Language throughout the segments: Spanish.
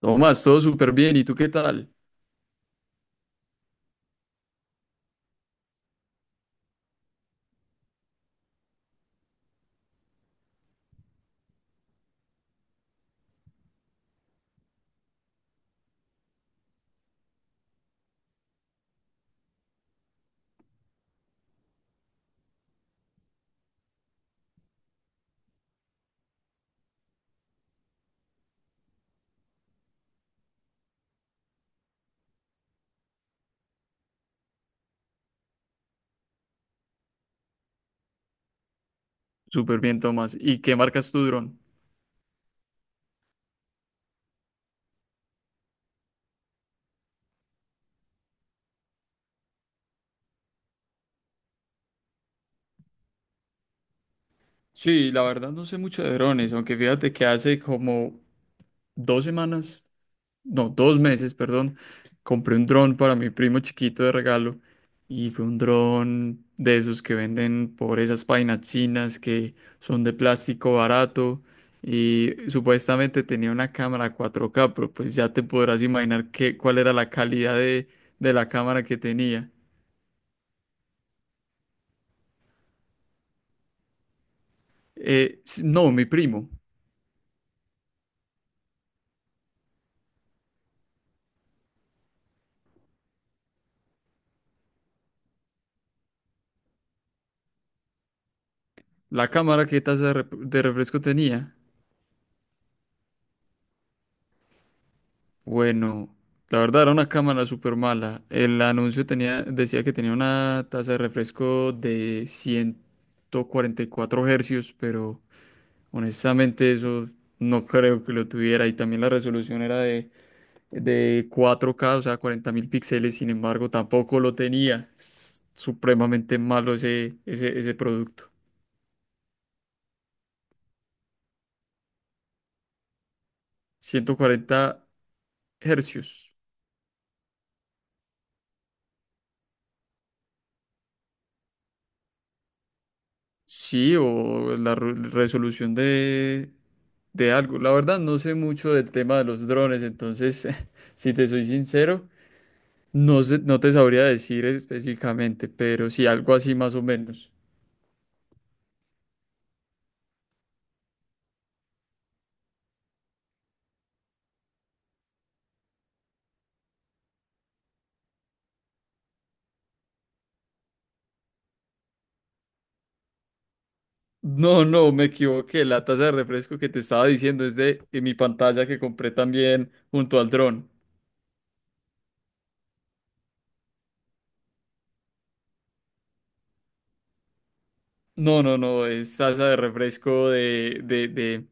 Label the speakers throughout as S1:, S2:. S1: Tomás, todo súper bien. ¿Y tú qué tal? Súper bien, Tomás. ¿Y qué marcas tu dron? Sí, la verdad no sé mucho de drones, aunque fíjate que hace como 2 semanas, no, 2 meses, perdón, compré un dron para mi primo chiquito de regalo y fue un dron de esos que venden por esas páginas chinas que son de plástico barato y supuestamente tenía una cámara 4K, pero pues ya te podrás imaginar cuál era la calidad de la cámara que tenía. No, mi primo. La cámara que taza de refresco tenía. Bueno, la verdad era una cámara súper mala. El anuncio tenía, decía que tenía una taza de refresco de 144 hercios, pero honestamente eso no creo que lo tuviera. Y también la resolución era de 4K, o sea, 40.000 píxeles. Sin embargo, tampoco lo tenía. Es supremamente malo ese producto. 140 hercios. Sí, o la resolución de algo. La verdad, no sé mucho del tema de los drones, entonces, si te soy sincero, no sé, no te sabría decir específicamente, pero sí algo así más o menos. No, no, me equivoqué. La taza de refresco que te estaba diciendo es de mi pantalla que compré también junto al dron. No, no, no, es taza de refresco de, de, de,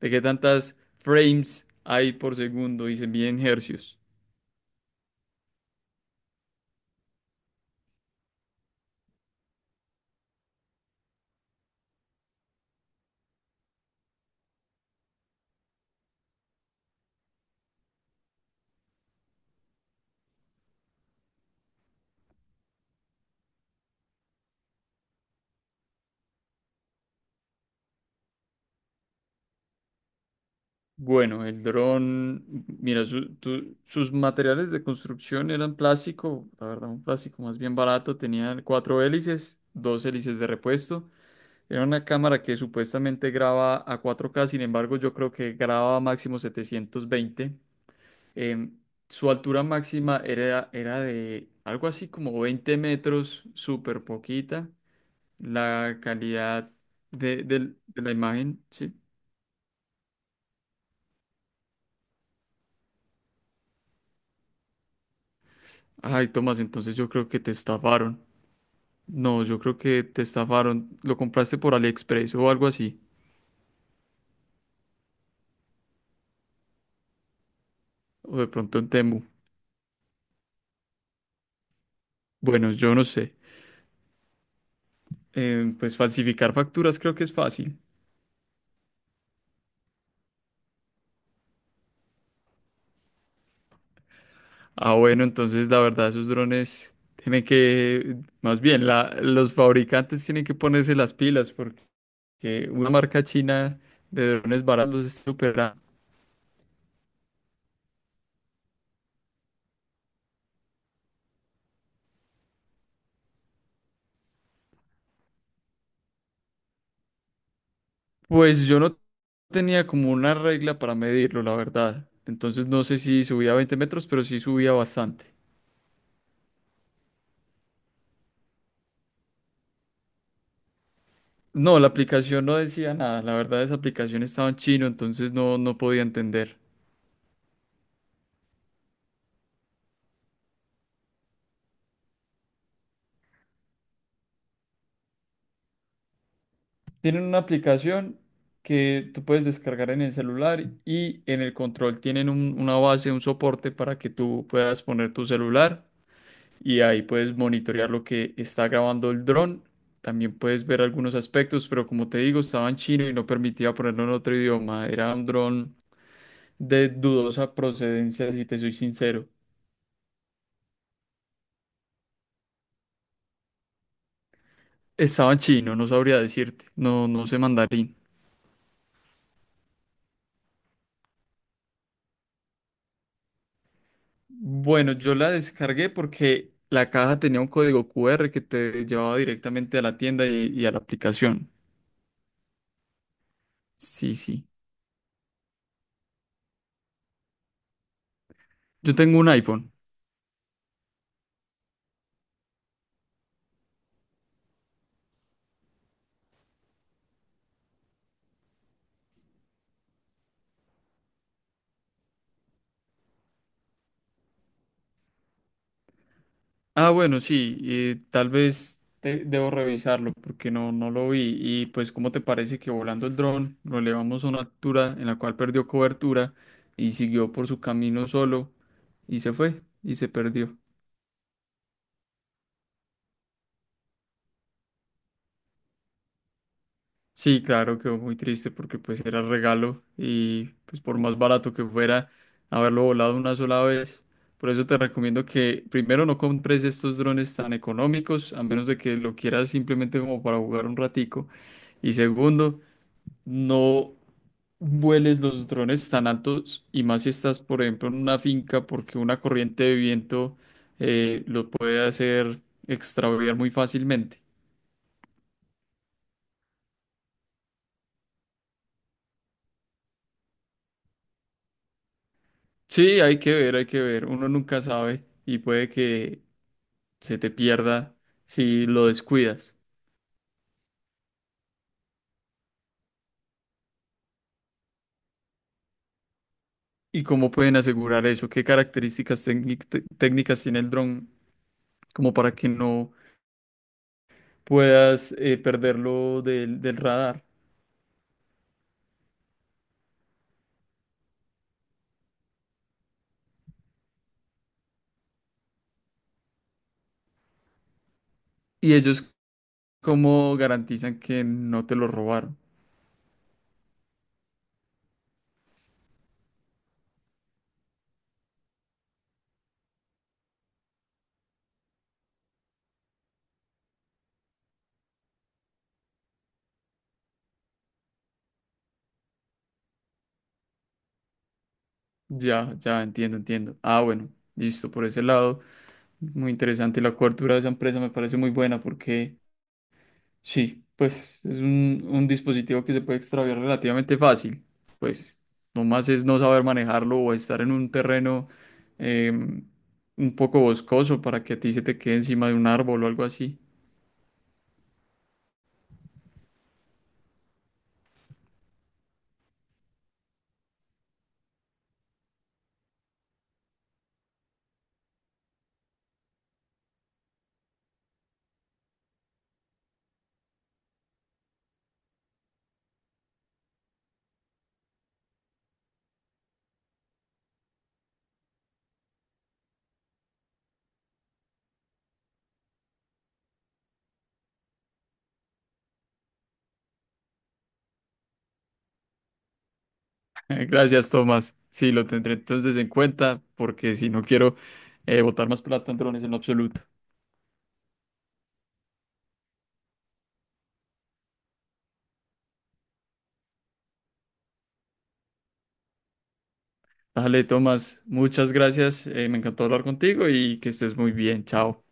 S1: de qué tantas frames hay por segundo y se mide en hercios. Bueno, el dron, mira, sus materiales de construcción eran plástico, la verdad, un plástico más bien barato, tenía cuatro hélices, dos hélices de repuesto. Era una cámara que supuestamente graba a 4K, sin embargo, yo creo que graba máximo 720. Em, Su altura máxima era de algo así como 20 metros, súper poquita. La calidad de la imagen, sí. Ay, Tomás, entonces yo creo que te estafaron. No, yo creo que te estafaron. Lo compraste por AliExpress o algo así. O de pronto en Temu. Bueno, yo no sé. Pues falsificar facturas creo que es fácil. Ah, bueno, entonces la verdad, esos drones tienen que, más bien, los fabricantes tienen que ponerse las pilas porque una marca china de drones baratos los está superando. Pues yo no tenía como una regla para medirlo, la verdad. Entonces no sé si subía a 20 metros, pero sí subía bastante. No, la aplicación no decía nada. La verdad, esa aplicación estaba en chino, entonces no podía entender. Tienen una aplicación que tú puedes descargar en el celular y en el control tienen una base, un soporte para que tú puedas poner tu celular y ahí puedes monitorear lo que está grabando el dron. También puedes ver algunos aspectos, pero como te digo, estaba en chino y no permitía ponerlo en otro idioma. Era un dron de dudosa procedencia, si te soy sincero. Estaba en chino, no sabría decirte. No, no sé mandarín. Bueno, yo la descargué porque la caja tenía un código QR que te llevaba directamente a la tienda y a la aplicación. Sí, sí. Yo tengo un iPhone. Ah, bueno, sí, tal vez debo revisarlo porque no lo vi. Y pues, ¿cómo te parece que volando el dron lo elevamos a una altura en la cual perdió cobertura y siguió por su camino solo y se fue y se perdió? Sí, claro, quedó muy triste porque pues era regalo y pues por más barato que fuera haberlo volado una sola vez. Por eso te recomiendo que primero no compres estos drones tan económicos, a menos de que lo quieras simplemente como para jugar un ratico. Y segundo, no vueles los drones tan altos y más si estás, por ejemplo, en una finca porque una corriente de viento lo puede hacer extraviar muy fácilmente. Sí, hay que ver, hay que ver. Uno nunca sabe y puede que se te pierda si lo descuidas. ¿Y cómo pueden asegurar eso? ¿Qué características técnicas tiene el dron como para que no puedas perderlo del radar? ¿Y ellos cómo garantizan que no te lo robaron? Ya, ya, entiendo, entiendo. Ah, bueno, listo, por ese lado. Muy interesante. La cobertura de esa empresa me parece muy buena porque. Sí, pues es un dispositivo que se puede extraviar relativamente fácil. Pues nomás es no saber manejarlo o estar en un terreno em, un poco boscoso para que a ti se te quede encima de un árbol o algo así. Gracias, Tomás. Sí, lo tendré entonces en cuenta porque si no quiero botar más plata en drones en lo absoluto. Dale, Tomás, muchas gracias. Me encantó hablar contigo y que estés muy bien. Chao.